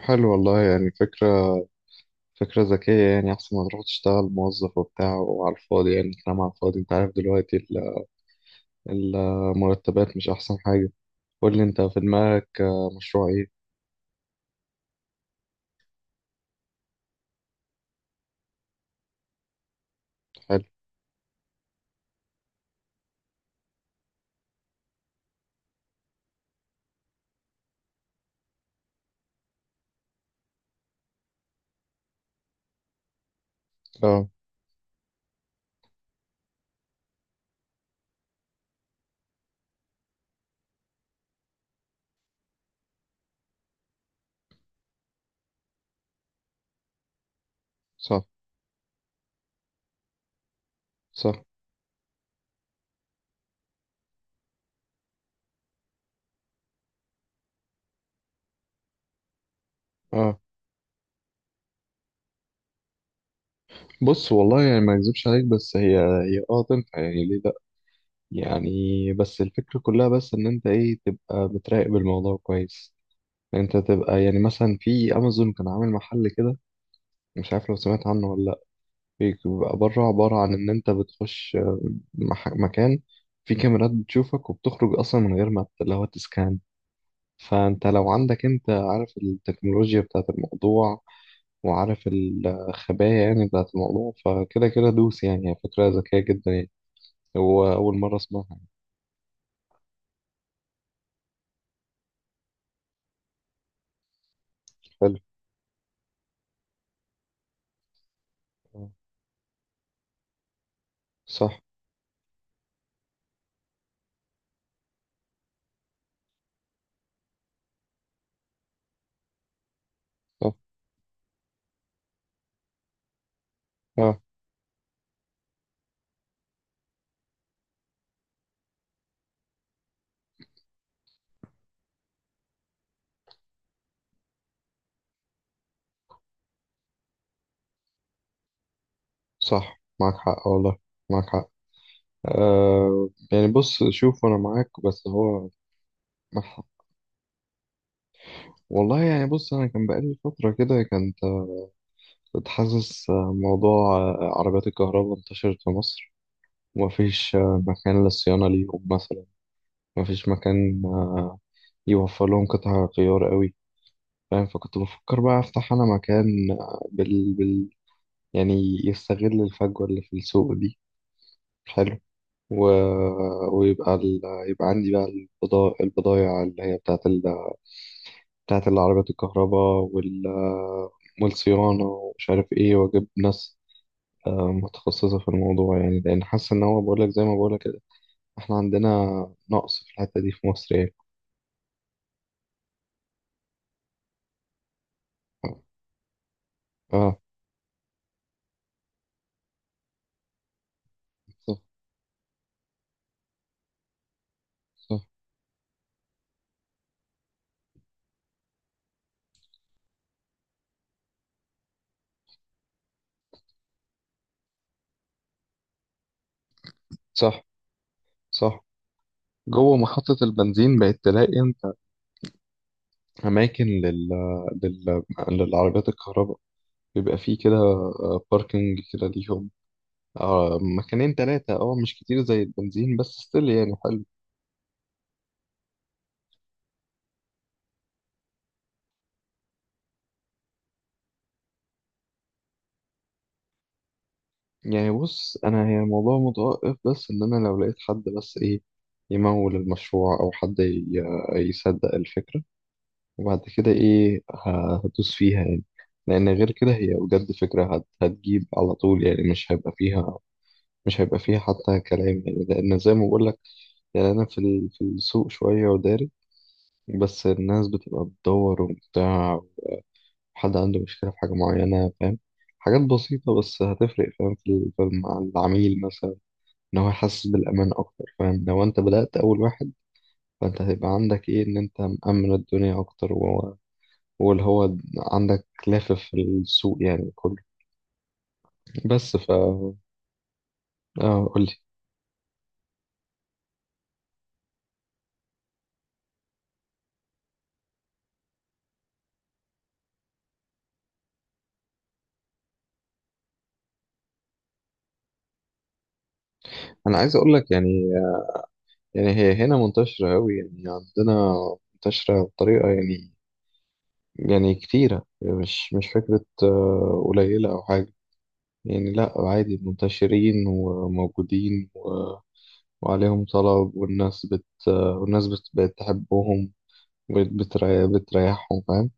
حلو، والله يعني فكرة ذكية، يعني أحسن ما تروح تشتغل موظف وبتاع وعلى الفاضي. يعني كلام على الفاضي، أنت عارف دلوقتي المرتبات مش أحسن حاجة. قول لي أنت في دماغك، مشروع إيه؟ حلو. أه. صح، صح. أه، بص والله يعني ما أكذبش عليك، بس هي تنفع. يعني ليه لأ؟ يعني بس الفكرة كلها، بس إن أنت تبقى بتراقب الموضوع كويس. أنت تبقى يعني مثلا في أمازون كان عامل محل كده، مش عارف لو سمعت عنه ولا لأ. بيبقى بره عبارة عن إن أنت بتخش مكان فيه كاميرات بتشوفك، وبتخرج أصلا من غير ما اللي هو تسكان. فأنت لو عندك، أنت عارف التكنولوجيا بتاعة الموضوع وعارف الخبايا يعني بتاعة الموضوع، فكده كده دوس. يعني هي فكرة ذكية جدا يعني، هو أول مرة أسمعها يعني. حلو. آه، صح. صح. آه. صح، معاك حق والله. معاك حق. آه يعني بص شوف أنا معاك، بس هو مح- والله يعني بص أنا كان بقالي فترة كده كانت. حاسس موضوع عربيات الكهرباء انتشرت في مصر، ومفيش مكان للصيانة ليهم مثلا. مفيش مكان يوفر لهم قطع غيار قوي، فاهم؟ فكنت بفكر بقى أفتح أنا مكان يعني يستغل الفجوة اللي في السوق دي. حلو. و... ويبقى ال... يبقى عندي بقى البضايع اللي هي بتاعت بتاعت العربيات الكهرباء والصيانة، ومش عارف ايه، وأجيب ناس متخصصة في الموضوع، يعني لأن حاسة إن هو بقولك، زي ما بقولك كده إحنا عندنا نقص في الحتة دي في مصر يعني. آه. صح. صح. صح. صح. جوه محطة البنزين بقت تلاقي أنت أماكن لل... للعربيات الكهرباء، بيبقى فيه كده باركينج كده ليهم، آه، مكانين تلاتة، أه مش كتير زي البنزين بس ستيل يعني حلو. يعني بص انا هي الموضوع متوقف، بس ان انا لو لقيت حد بس ايه يمول المشروع، او حد يصدق الفكرة، وبعد كده ايه هدوس فيها يعني. لان غير كده هي بجد فكرة هتجيب على طول يعني، مش هيبقى فيها. مش هيبقى فيها حتى كلام، يعني لان زي ما بقول لك، يعني انا في السوق شوية وداري، بس الناس بتبقى بتدور وبتاع، حد عنده مشكلة في حاجة معينة، فاهم؟ حاجات بسيطة بس هتفرق، فاهم؟ مع العميل مثلا، ان هو يحسس بالامان اكتر، فاهم؟ لو انت بدأت اول واحد، فانت هيبقى عندك ايه، ان انت مأمن الدنيا اكتر، وهو واللي هو عندك لافف في السوق يعني كله. بس ف قولي. انا عايز اقول لك يعني، يعني هي هنا منتشرة قوي يعني عندنا. منتشرة بطريقة يعني، يعني كتيرة، مش فكرة قليلة او حاجة يعني. لا عادي، منتشرين وموجودين وعليهم طلب، والناس بقت تحبهم، بتريحهم، فاهم؟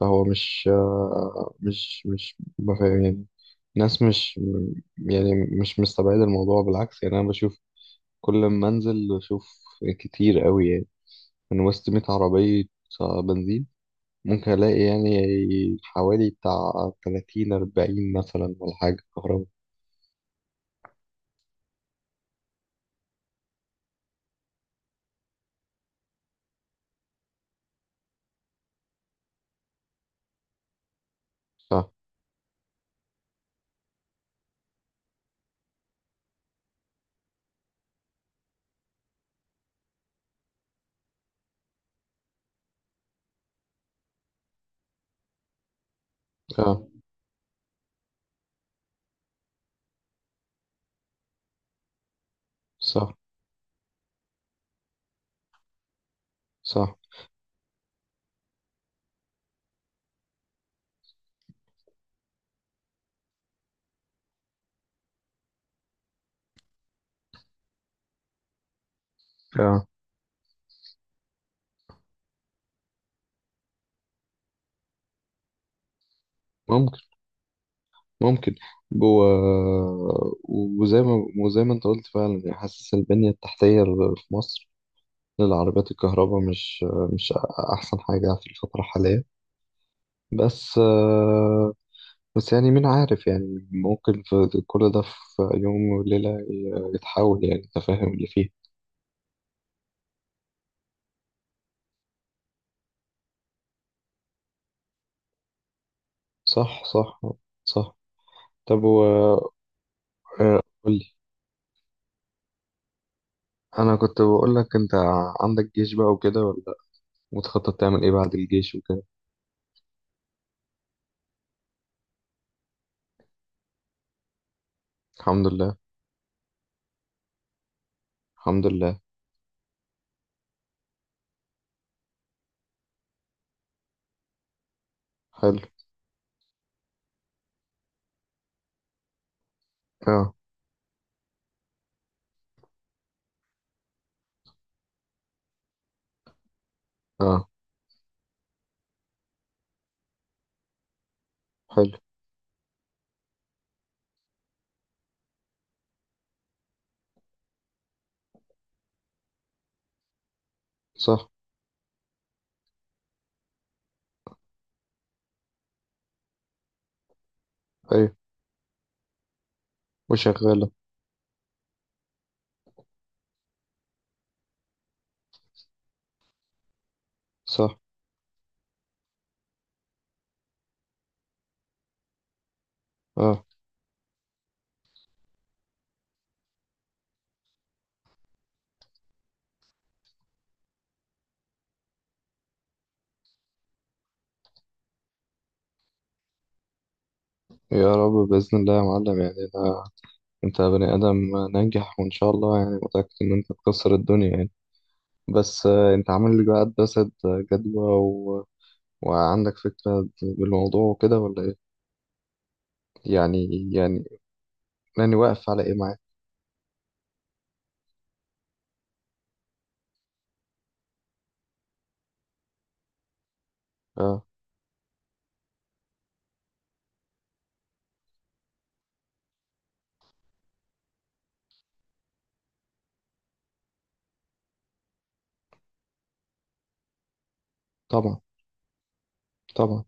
فهو مش مش ما فاهم يعني، ناس مش يعني، مش مستبعد الموضوع، بالعكس. يعني انا بشوف كل ما انزل بشوف كتير قوي يعني، من وسط 100 عربية بنزين ممكن الاقي يعني حوالي بتاع 30 40 مثلا ولا حاجة كهرباء. صح. صح. صح. صح. آه. ممكن. ممكن. جوه. وزي ما انت قلت فعلا يعني، حاسس البنية التحتية في مصر للعربيات الكهرباء مش أحسن حاجة في الفترة الحالية. بس بس يعني مين عارف يعني، ممكن في كل ده في يوم وليلة يتحول، يعني انت فاهم اللي فيه. صح. صح. صح. طب و قولي. أنا كنت بقول لك أنت عندك جيش بقى وكده ولا لأ؟ متخطط تعمل إيه بعد الجيش وكده؟ الحمد لله. الحمد لله. حلو. اه. اه. حلو. صح. ايوه. وشغالة. صح. اه. يا رب بإذن الله يا معلم، يعني أنا أنت بني آدم ناجح، وإن شاء الله يعني متأكد إن أنت تكسر الدنيا يعني. بس أنت عامل لك بقى دراسة جدوى وعندك فكرة بالموضوع وكده، ولا إيه؟ يعني يعني يعني واقف على إيه معاك؟ اه. طبعا. طبعا.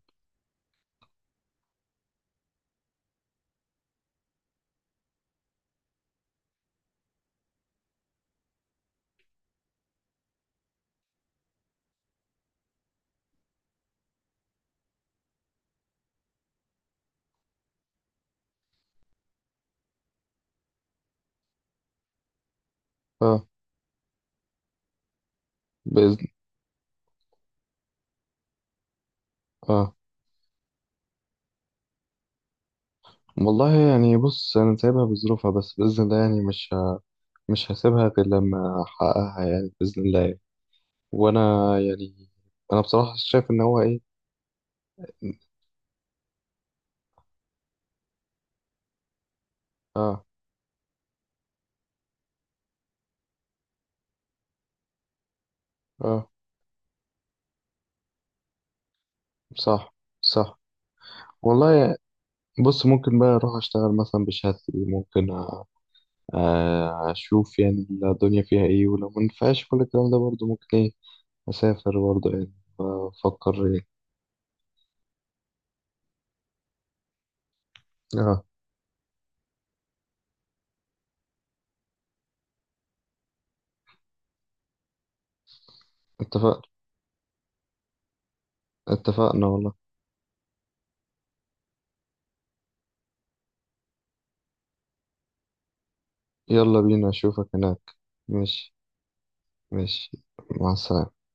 اه. بإذن. اه. والله يعني بص أنا سايبها بظروفها، بس بإذن الله يعني مش هسيبها غير لما أحققها، يعني بإذن الله يعني. وانا يعني انا بصراحة شايف ان هو ايه. اه. اه. صح. صح. والله بص، ممكن بقى اروح اشتغل مثلا بشهادتي، ممكن اشوف يعني الدنيا فيها ايه، ولو ما نفعش كل الكلام ده برضه ممكن ايه اسافر برضه يعني، افكر ايه. اه. اتفق. اتفقنا والله. يلا بينا، اشوفك هناك. ماشي. ماشي، مع السلامة.